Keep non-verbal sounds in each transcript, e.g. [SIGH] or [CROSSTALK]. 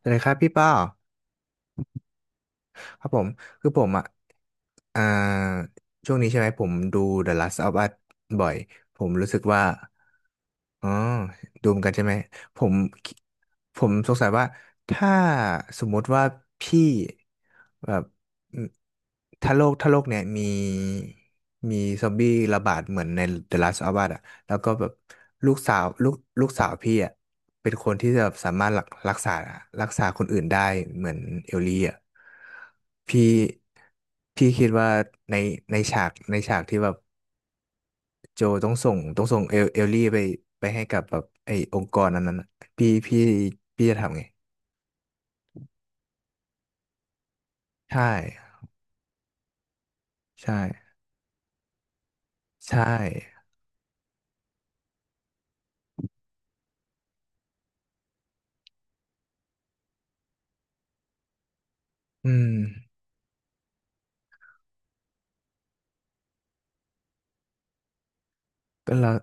สวัสดีครับพี่ป้อครับผมคือผมอ่ะอ่าช่วงนี้ใช่ไหมผมดู The Last of Us บ่อยผมรู้สึกว่าอ๋อดูเหมือนกันใช่ไหมผมผมสงสัยว่าถ้าสมมติว่าพี่แบบอืมถ้าโลกเนี่ยมีมีซอมบี้ระบาดเหมือนใน The Last of Us อ่ะแล้วก็แบบลูกสาวพี่อ่ะ เป็นคนที่จะแบบสามารถรักษารักษาคนอื่นได้เหมือนเอลลี่อ่ะพี่พี่คิดว่าในในฉากที่แบบโจต้องส่งเอลลี่ไปไปให้กับแบบไอ้องค์กรนั้นอะพี่พี่พี่จะทำไงใช่ใช่ใช่อืมก็แล้ว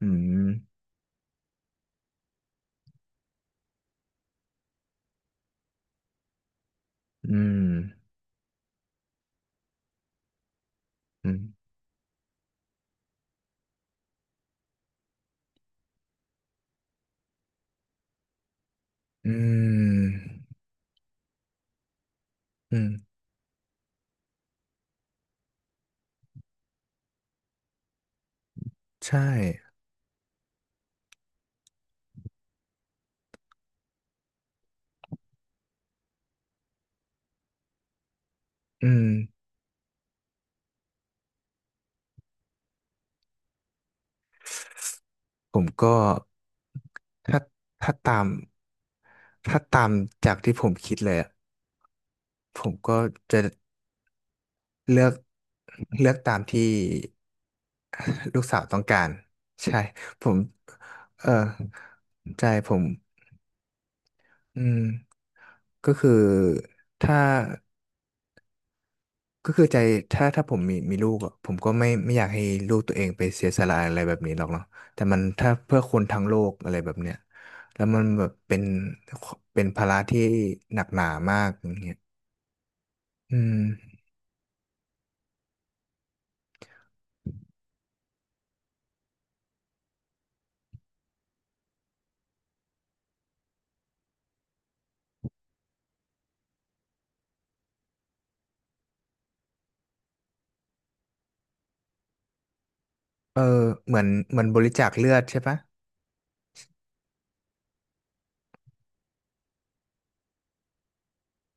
อืมอืมอืมอืมอืมใช่อืม ผมก็ถ้าถ้าตามถ้าตามจากที่ผมคิดเลยอะผมก็จะเลือกเลือกตามที่ [COUGHS] [LAUGHS] ลูกสาวต้องการใช่ผมเออใจผมอืมก็คือถ้า ก็คือใจถ้าผมมีมีลูกอะผมก็ไม่ไม่อยากให้ลูกตัวเองไปเสียสละอะไรแบบนี้หรอกเนาะแต่มันถ้าเพื่อคนทั้งโลกอะไรแบบเนี้ยแล้วมันแบบเป็นเป็นภาระที่หนักหนามากอย่างเงี้ยอืมเออเหมือนเหมือนบริจาคเลือดใช่ปะ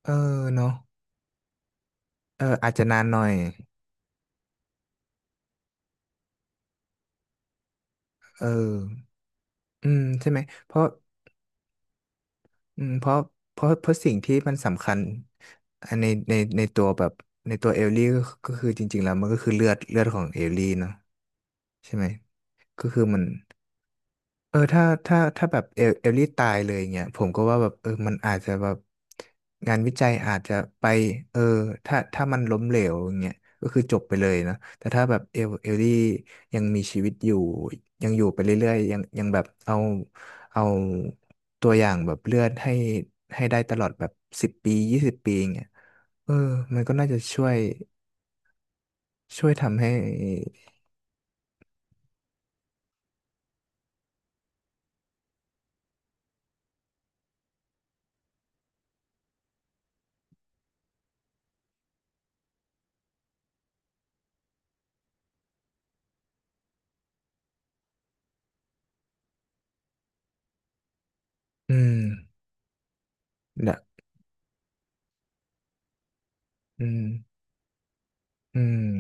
เออเนาะอาจจะนานหน่อยเอออืมใช่ไหมเพราะอืมเพราะสิ่งที่มันสำคัญอันในตัวแบบในตัวเอลลี่ก็ก็คือจริงๆแล้วมันก็คือเลือดเลือดของเอลลี่เนาะ ใช่ไหมก็คือมันถ้าแบบเอลลี่ตายเลยเงี้ยผมก็ว่าแบบเออมันอาจจะแบบงานวิจัยอาจจะไปเออถ้ามันล้มเหลวอย่างเงี้ยก็คือจบไปเลยนะแต่ถ้าแบบเอลลี่ยังมีชีวิตอยู่ยังอยู่ไปเรื่อยๆยังยังแบบเอาเอาตัวอย่างแบบเลือดให้ให้ได้ตลอดแบบ10 ปี 20 ปีอย่างเงี้ยเออมันก็น่าจะช่วยช่วยทำให้อืมเดะอืมอืม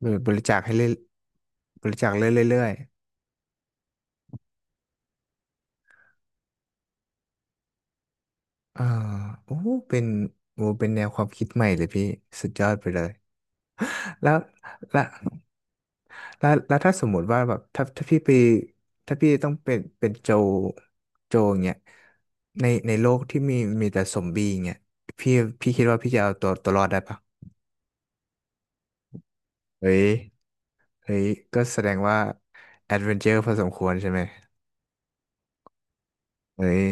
หรือบริจาคให้เรื่อยบริจาคเรื่อยๆโอ้เป็นโอ้เป็นแนวความคิดใหม่เลยพี่สุดยอดไปเลยแล้วแล้วแล้วถ้าสมมติว่าแบบถ้าพี่ไปถ้าพี่ต้องเป็นเป็นโจโจอย่างเงี้ยในในโลกที่มีมีแต่ซอมบี้อย่างเงี้ยพี่พี่คิดว่าพี่จะเอาตัวตัวรอดได้ปะเฮ้ยเฮ้ยก็แสดงว่าแอดเวนเจอร์พอสมควรใช่ไหมเฮ้ย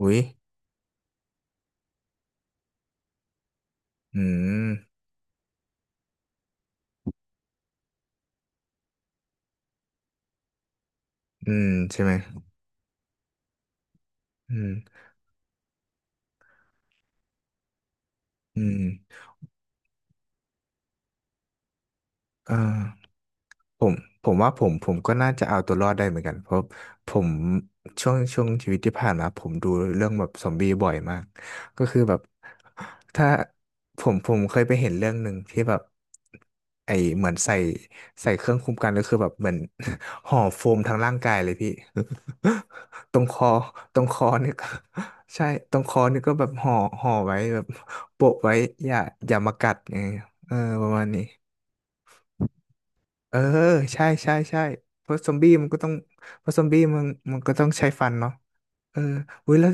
อุ้ยอืมอืมใช่ไหมอืมอืมอ่า ผมผมว่าผมก็น่าจะเอาตัวรอดได้เหมือนกันเพราะผมช่วงชีวิตที่ผ่านมาผมดูเรื่องแบบซอมบี้บ่อยมากก็คือแบบถ้าผมเคยไปเห็นเรื่องหนึ่งที่แบบไอเหมือนใส่ใส่เครื่องคุมกันก็คือแบบเหมือน [LAUGHS] ห่อโฟมทั้งร่างกายเลยพี่ [LAUGHS] ตรงคอตรงคอเนี่ย [LAUGHS] ก็ใช่ตรงคอนี่ก็แบบห่อห่อไว้แบบโปะไว้อย่าอย่ามากัดไงเออประมาณนี้ เออใช่ใช่ใช่เพราะซอมบี้มันก็ต้องเพราะซอมบี้มันมันต้องใช้ฟันเนาะเอออุ้ยแล้ว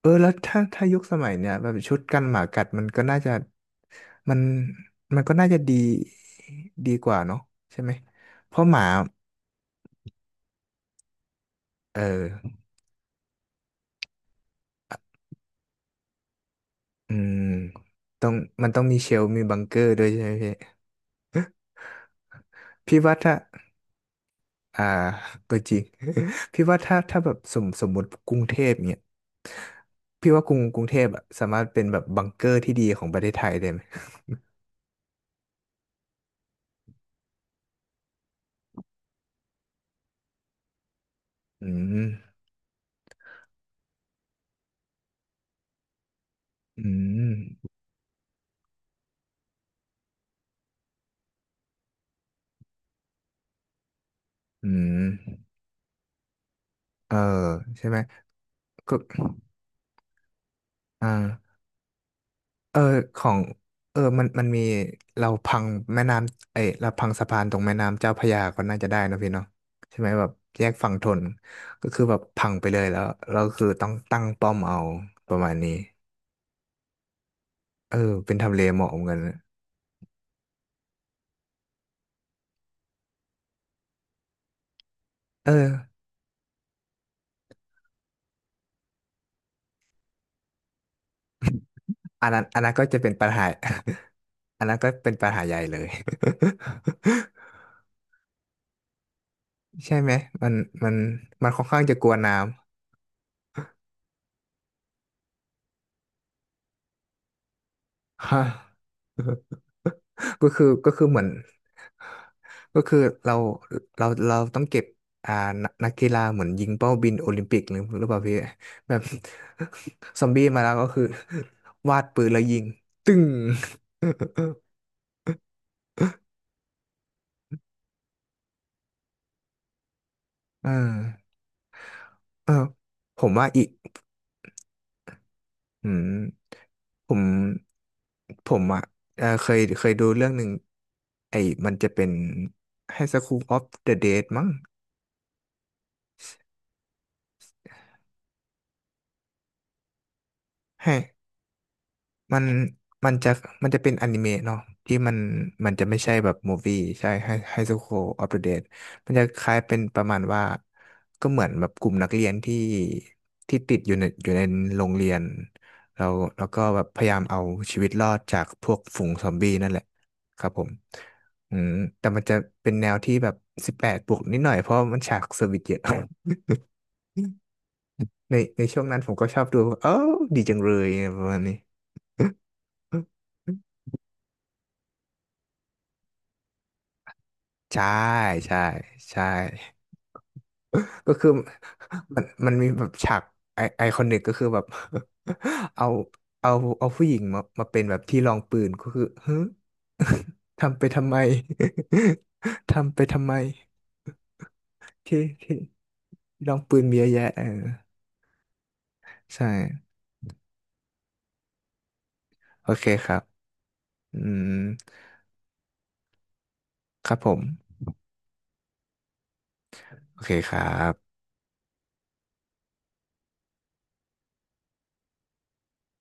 เออแล้วถ้ายุคสมัยเนี่ยแบบชุดกันหมากัดมันก็น่าจะมันมันน่าจะดีดีกว่าเนาะใช่ไหมเพราะหมาเอออืมต้องมันต้องมีเชลฟ์มีบังเกอร์ด้วยใช่ไหมพี่พี่ว่าถ้า อ่าก็จริง [LAUGHS] พี่ว่าถ้าแบบสมมุติกรุงเทพเนี่ยพี่ว่ากรุงเทพอะสามารถเป็นแบบบังเกอร์ที่ดีของประเทศไทยได้ไหมอืมอืมอืมเออใช่ไหมก็อ่าเออของเออมันมีเราพังแม่น้ำเอ้ยเราพังสะพานตรงแม่น้ำเจ้าพระยาก็น่าจะได้นะพี่เนาะใช่ไหมแบบแยกฝั่งทนก็คือแบบพังไปเลยแล้วเราคือต้องตั้งป้อมเอาประมาณนี้เออเป็นทำเลเหมาะเหมือนกัน เอออันนั้นก็จะเป็นปัญหา [LAUGHS] อันนั้นก็เป็นปัญหาใหญ่เลย [LAUGHS] ใช่ไหมมันมันมันค่อนข้างจะกลัวน้ำฮะ [LAUGHS] ก็คือก็คือเหมือนก็คือเราเราต้องเก็บอ่านักนักกีฬาเหมือนยิงเป้าบินโอลิมปิกหรือหรือเปล่าพี่แบบ [LAUGHS] ซอมบี้มาแล้วก็คือ วาดปืนแล้วยิงตึ้ง [LAUGHS] เออเออผมว่าอีก อืมผมผมอ่ะเคยเคยดูเรื่องหนึ่งไอ้มันจะเป็นให้ School of the Dead มั้ง มันมันจะมันจะเป็นอนิเมะเนาะที่มันมันจะไม่ใช่แบบมูฟี่ใช่ไฮไฮสคูลออฟเดอะเดดมันจะคล้ายเป็นประมาณว่าก็เหมือนแบบกลุ่มนักเรียนที่ที่ติดอยู่ในอยู่ในโรงเรียนแล้วแล้วก็แบบพยายามเอาชีวิตรอดจากพวกฝูงซอมบี้นั่นแหละครับผมอืมแต่มันจะเป็นแนวที่แบบ18+นิดหน่อยเพราะมันฉากเซอร์วิสเยอะ [LAUGHS] ในในช่วงนั้นผมก็ชอบดูเออดีจังเลยประมาณนี้ [LAUGHS] ใช่ใช่ใช่ก็คือ [LAUGHS] มันมีแบบฉากไอคอนิกก็คือแบบ [LAUGHS] เอาเอาเอาผู้หญิงมามาเป็นแบบที่รองปืนก็คือฮึ [LAUGHS] ทำไปทำไม [LAUGHS] ทำไปทำไมที่ที่ลองปืนมีเยอะแยะเออใช่โอเคครับอืมครับผมโอเคครับ